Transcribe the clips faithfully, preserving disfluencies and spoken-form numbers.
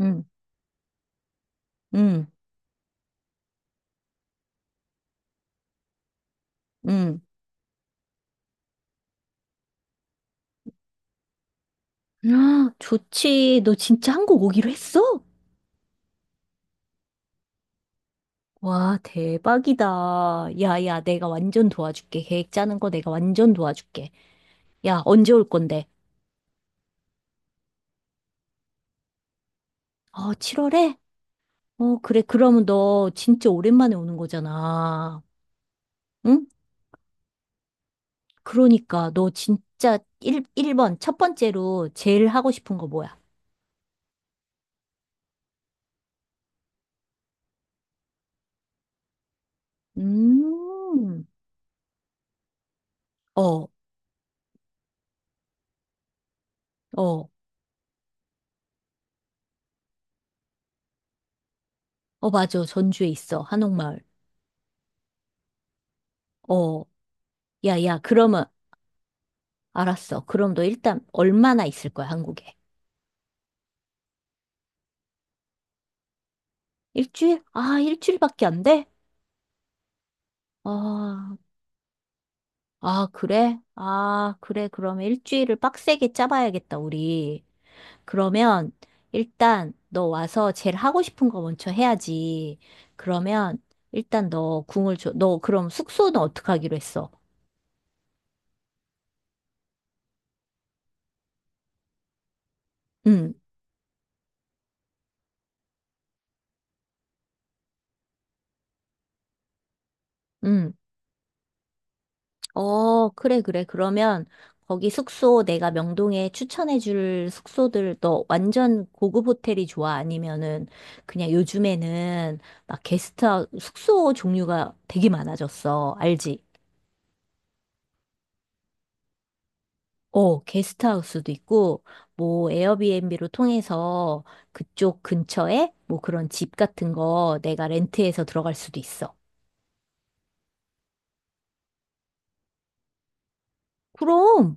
응, 응, 응. 아, 좋지. 너 진짜 한국 오기로 했어? 와, 대박이다. 야, 야, 내가 완전 도와줄게. 계획 짜는 거 내가 완전 도와줄게. 야, 언제 올 건데? 어, 칠월에? 어, 그래. 그러면 너 진짜 오랜만에 오는 거잖아. 응? 그러니까 너 진짜 일, 일번첫 번째로 제일 하고 싶은 거 뭐야? 음, 어, 어, 어, 맞아. 전주에 있어. 한옥마을. 어, 야, 야, 그러면 알았어. 그럼 너 일단 얼마나 있을 거야, 한국에? 일주일? 아, 일주일밖에 안 돼? 아, 아, 그래? 아, 그래. 그러면 일주일을 빡세게 짜봐야겠다, 우리. 그러면 일단 너 와서 제일 하고 싶은 거 먼저 해야지. 그러면 일단 너 궁을 줘. 너 그럼 숙소는 어떻게 하기로 했어? 응, 응. 어, 그래, 그래. 그러면 거기 숙소 내가 명동에 추천해 줄 숙소들, 너 완전 고급 호텔이 좋아? 아니면은 그냥 요즘에는 막 게스트하우스 숙소 종류가 되게 많아졌어. 알지? 어, 게스트하우스도 있고 뭐 에어비앤비로 통해서 그쪽 근처에 뭐 그런 집 같은 거 내가 렌트해서 들어갈 수도 있어. 그럼.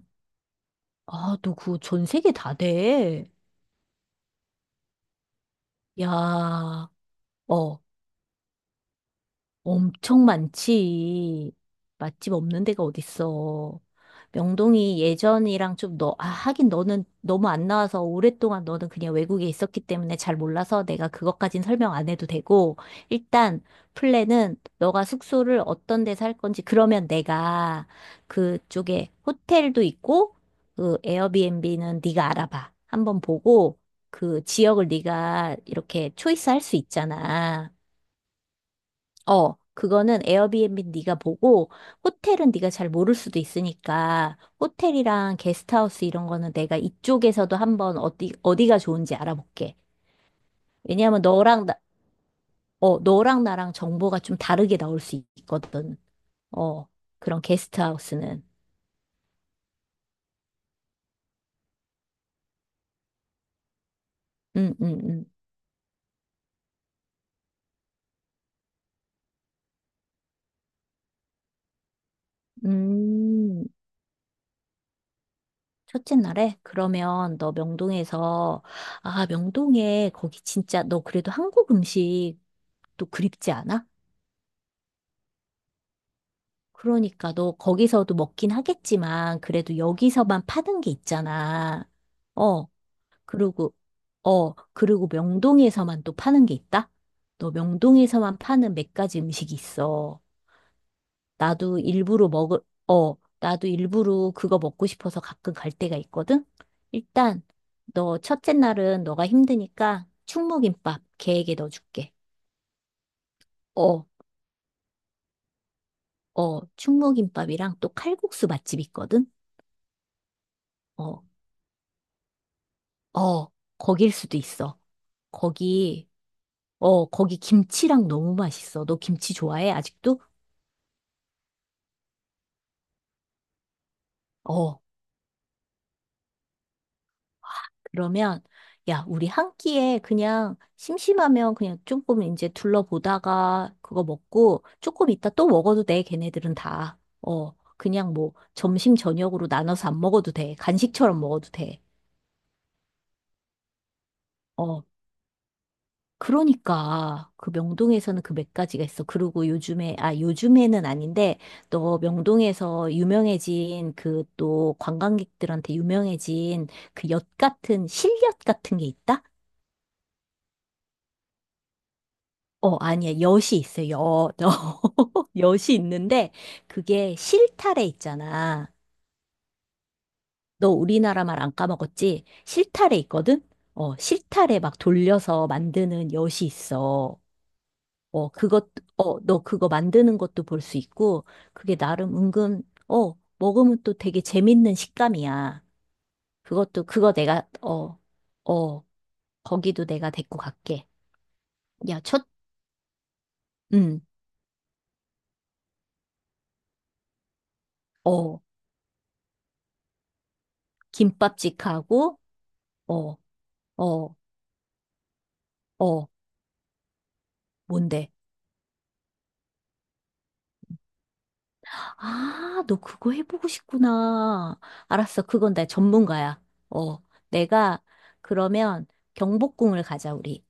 아, 너 그거 전 세계 다 돼. 야. 어. 엄청 많지. 맛집 없는 데가 어딨어. 명동이 예전이랑 좀 너, 아, 하긴 너는 너무 안 나와서 오랫동안 너는 그냥 외국에 있었기 때문에 잘 몰라서, 내가 그것까진 설명 안 해도 되고, 일단 플랜은 너가 숙소를 어떤 데서 할 건지. 그러면 내가 그쪽에 호텔도 있고, 그 에어비앤비는 네가 알아봐. 한번 보고, 그 지역을 네가 이렇게 초이스 할 수 있잖아. 어, 그거는 에어비앤비 네가 보고, 호텔은 네가 잘 모를 수도 있으니까 호텔이랑 게스트하우스 이런 거는 내가 이쪽에서도 한번 어디 어디가 좋은지 알아볼게. 왜냐하면 너랑 나, 어, 너랑 나랑 정보가 좀 다르게 나올 수 있거든. 어, 그런 게스트하우스는. 음, 음, 음. 음, 첫째 날에 그러면 너 명동에서, 아, 명동에 거기 진짜 너 그래도 한국 음식 또 그립지 않아? 그러니까 너 거기서도 먹긴 하겠지만 그래도 여기서만 파는 게 있잖아. 어, 그리고 어, 그리고 명동에서만 또 파는 게 있다? 너 명동에서만 파는 몇 가지 음식이 있어. 나도 일부러 먹을 어, 나도 일부러 그거 먹고 싶어서 가끔 갈 때가 있거든. 일단 너 첫째 날은 너가 힘드니까 충무김밥 계획에 넣어줄게. 어, 어, 충무김밥이랑 또 칼국수 맛집 있거든. 어. 어, 거길 수도 있어. 거기, 어, 거기 김치랑 너무 맛있어. 너 김치 좋아해? 아직도? 어, 그러면, 야, 우리 한 끼에 그냥 심심하면 그냥 조금 이제 둘러보다가 그거 먹고 조금 이따 또 먹어도 돼, 걔네들은 다. 어, 그냥 뭐 점심 저녁으로 나눠서 안 먹어도 돼. 간식처럼 먹어도 돼. 어. 그러니까 그 명동에서는 그 몇 가지가 있어. 그리고 요즘에 아 요즘에는 아닌데, 또 명동에서 유명해진, 그 또 관광객들한테 유명해진 그 엿 같은 실엿 같은 게 있다? 어, 아니야. 엿이 있어. 엿. 엿이 있는데 그게 실타래 있잖아. 너 우리나라 말 안 까먹었지? 실타래 있거든? 어, 실타래 막 돌려서 만드는 엿이 있어. 어, 그것, 어, 너 그거 만드는 것도 볼 수 있고, 그게 나름 은근, 어, 먹으면 또 되게 재밌는 식감이야. 그것도, 그거 내가, 어, 어, 거기도 내가 데리고 갈게. 야, 첫, 음, 어, 김밥집하고, 어, 어, 어, 뭔데? 아, 너 그거 해보고 싶구나. 알았어, 그건 내 전문가야. 어, 내가, 그러면 경복궁을 가자, 우리.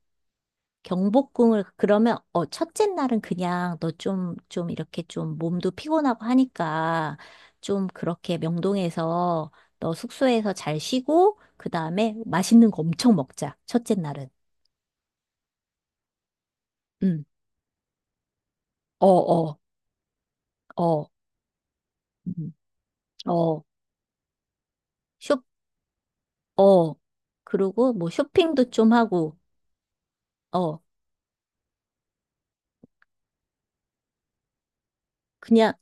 경복궁을, 그러면 어, 첫째 날은 그냥 너 좀 좀 이렇게 좀 몸도 피곤하고 하니까, 좀 그렇게 명동에서 너 숙소에서 잘 쉬고 그다음에 맛있는 거 엄청 먹자. 첫째 날은. 음. 어, 어, 어. 음. 어. 쇼 어. 그리고 뭐 쇼핑도 좀 하고. 어. 그냥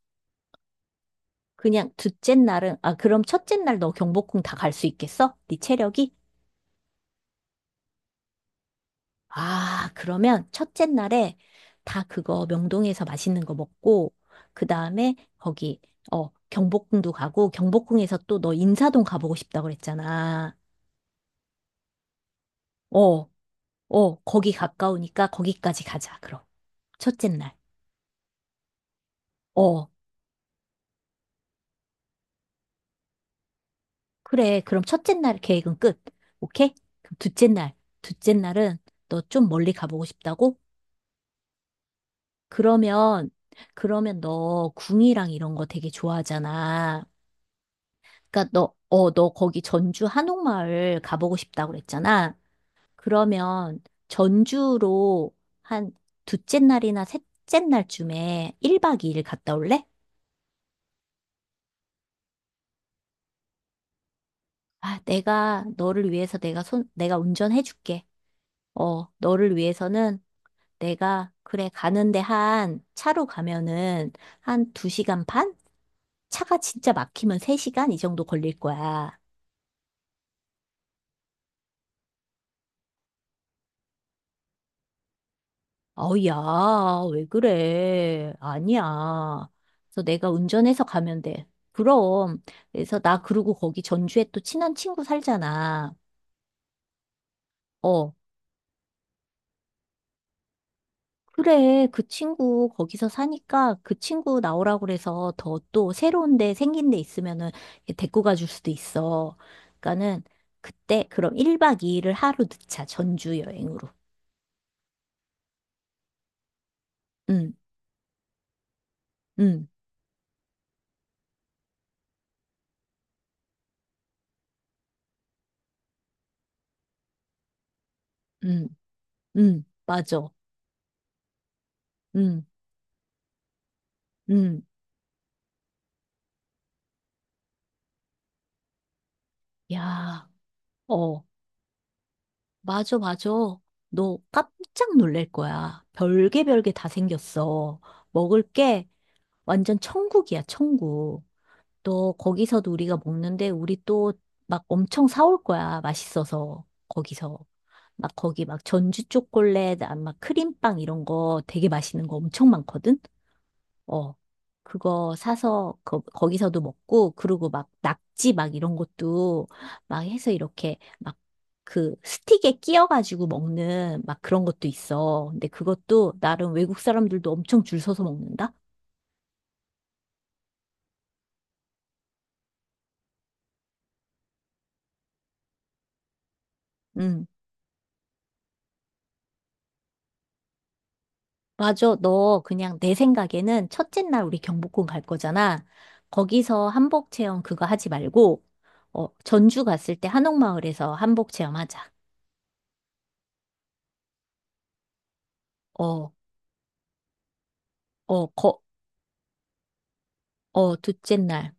그냥 둘째 날은, 아, 그럼 첫째 날 너 경복궁 다 갈 수 있겠어? 네 체력이? 아, 그러면 첫째 날에 다 그거 명동에서 맛있는 거 먹고, 그 다음에 거기, 어, 경복궁도 가고, 경복궁에서, 또 너 인사동 가보고 싶다고 그랬잖아. 어, 어, 거기 가까우니까 거기까지 가자, 그럼. 첫째 날. 어, 그래. 그럼 첫째 날 계획은 끝. 오케이? 그럼 둘째 날. 둘째 날은 너 좀 멀리 가보고 싶다고? 그러면, 그러면 너 궁이랑 이런 거 되게 좋아하잖아. 그러니까 너, 어, 너 거기 전주 한옥마을 가보고 싶다고 그랬잖아. 그러면 전주로 한 둘째 날이나 셋째 날쯤에 일 박 이 일 갔다 올래? 아, 내가 너를 위해서 내가 손, 내가 운전해 줄게. 어, 너를 위해서는 내가 그래, 가는데 한 차로 가면은 한 두 시간 반? 차가 진짜 막히면 세 시간 이 정도 걸릴 거야. 아우, 야, 왜 그래? 아니야. 그래서 내가 운전해서 가면 돼. 그럼. 그래서 나 그러고 거기 전주에 또 친한 친구 살잖아. 어, 그래. 그 친구 거기서 사니까, 그 친구 나오라고 그래서 더 또 새로운 데, 생긴 데 있으면은 이렇게 데리고 가줄 수도 있어. 그러니까는 그때 그럼 일 박 이 일을 하루 늦자. 전주 여행으로. 응, 응, 응, 응. 맞아. 응, 응. 야. 어. 맞아, 맞아. 너 깜짝 놀랄 거야. 별게 별게 다 생겼어. 먹을 게 완전 천국이야, 천국. 너 거기서도 우리가 먹는데 우리 또 막 엄청 사올 거야. 맛있어서. 거기서. 막 거기 막 전주 초콜릿, 아, 막 크림빵 이런 거 되게 맛있는 거 엄청 많거든? 어, 그거 사서 거, 거기서도 먹고, 그리고 막 낙지 막 이런 것도 막 해서 이렇게 막 그 스틱에 끼어가지고 먹는 막 그런 것도 있어. 근데 그것도 나름 외국 사람들도 엄청 줄 서서 먹는다? 응. 맞아. 너 그냥 내 생각에는 첫째 날 우리 경복궁 갈 거잖아. 거기서 한복 체험 그거 하지 말고, 어, 전주 갔을 때 한옥마을에서 한복 체험 하자. 어, 어, 거, 어, 둘째 날.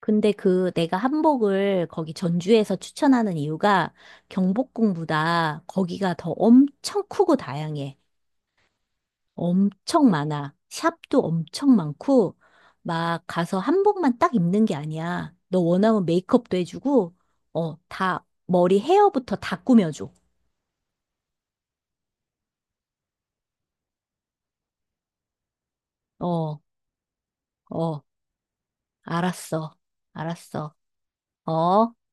근데 그 내가 한복을 거기 전주에서 추천하는 이유가 경복궁보다 거기가 더 엄청 크고 다양해. 엄청 많아. 샵도 엄청 많고 막 가서 한복만 딱 입는 게 아니야. 너 원하면 메이크업도 해주고, 어, 다 머리 헤어부터 다 꾸며줘. 어, 어, 알았어. 알았어. 어.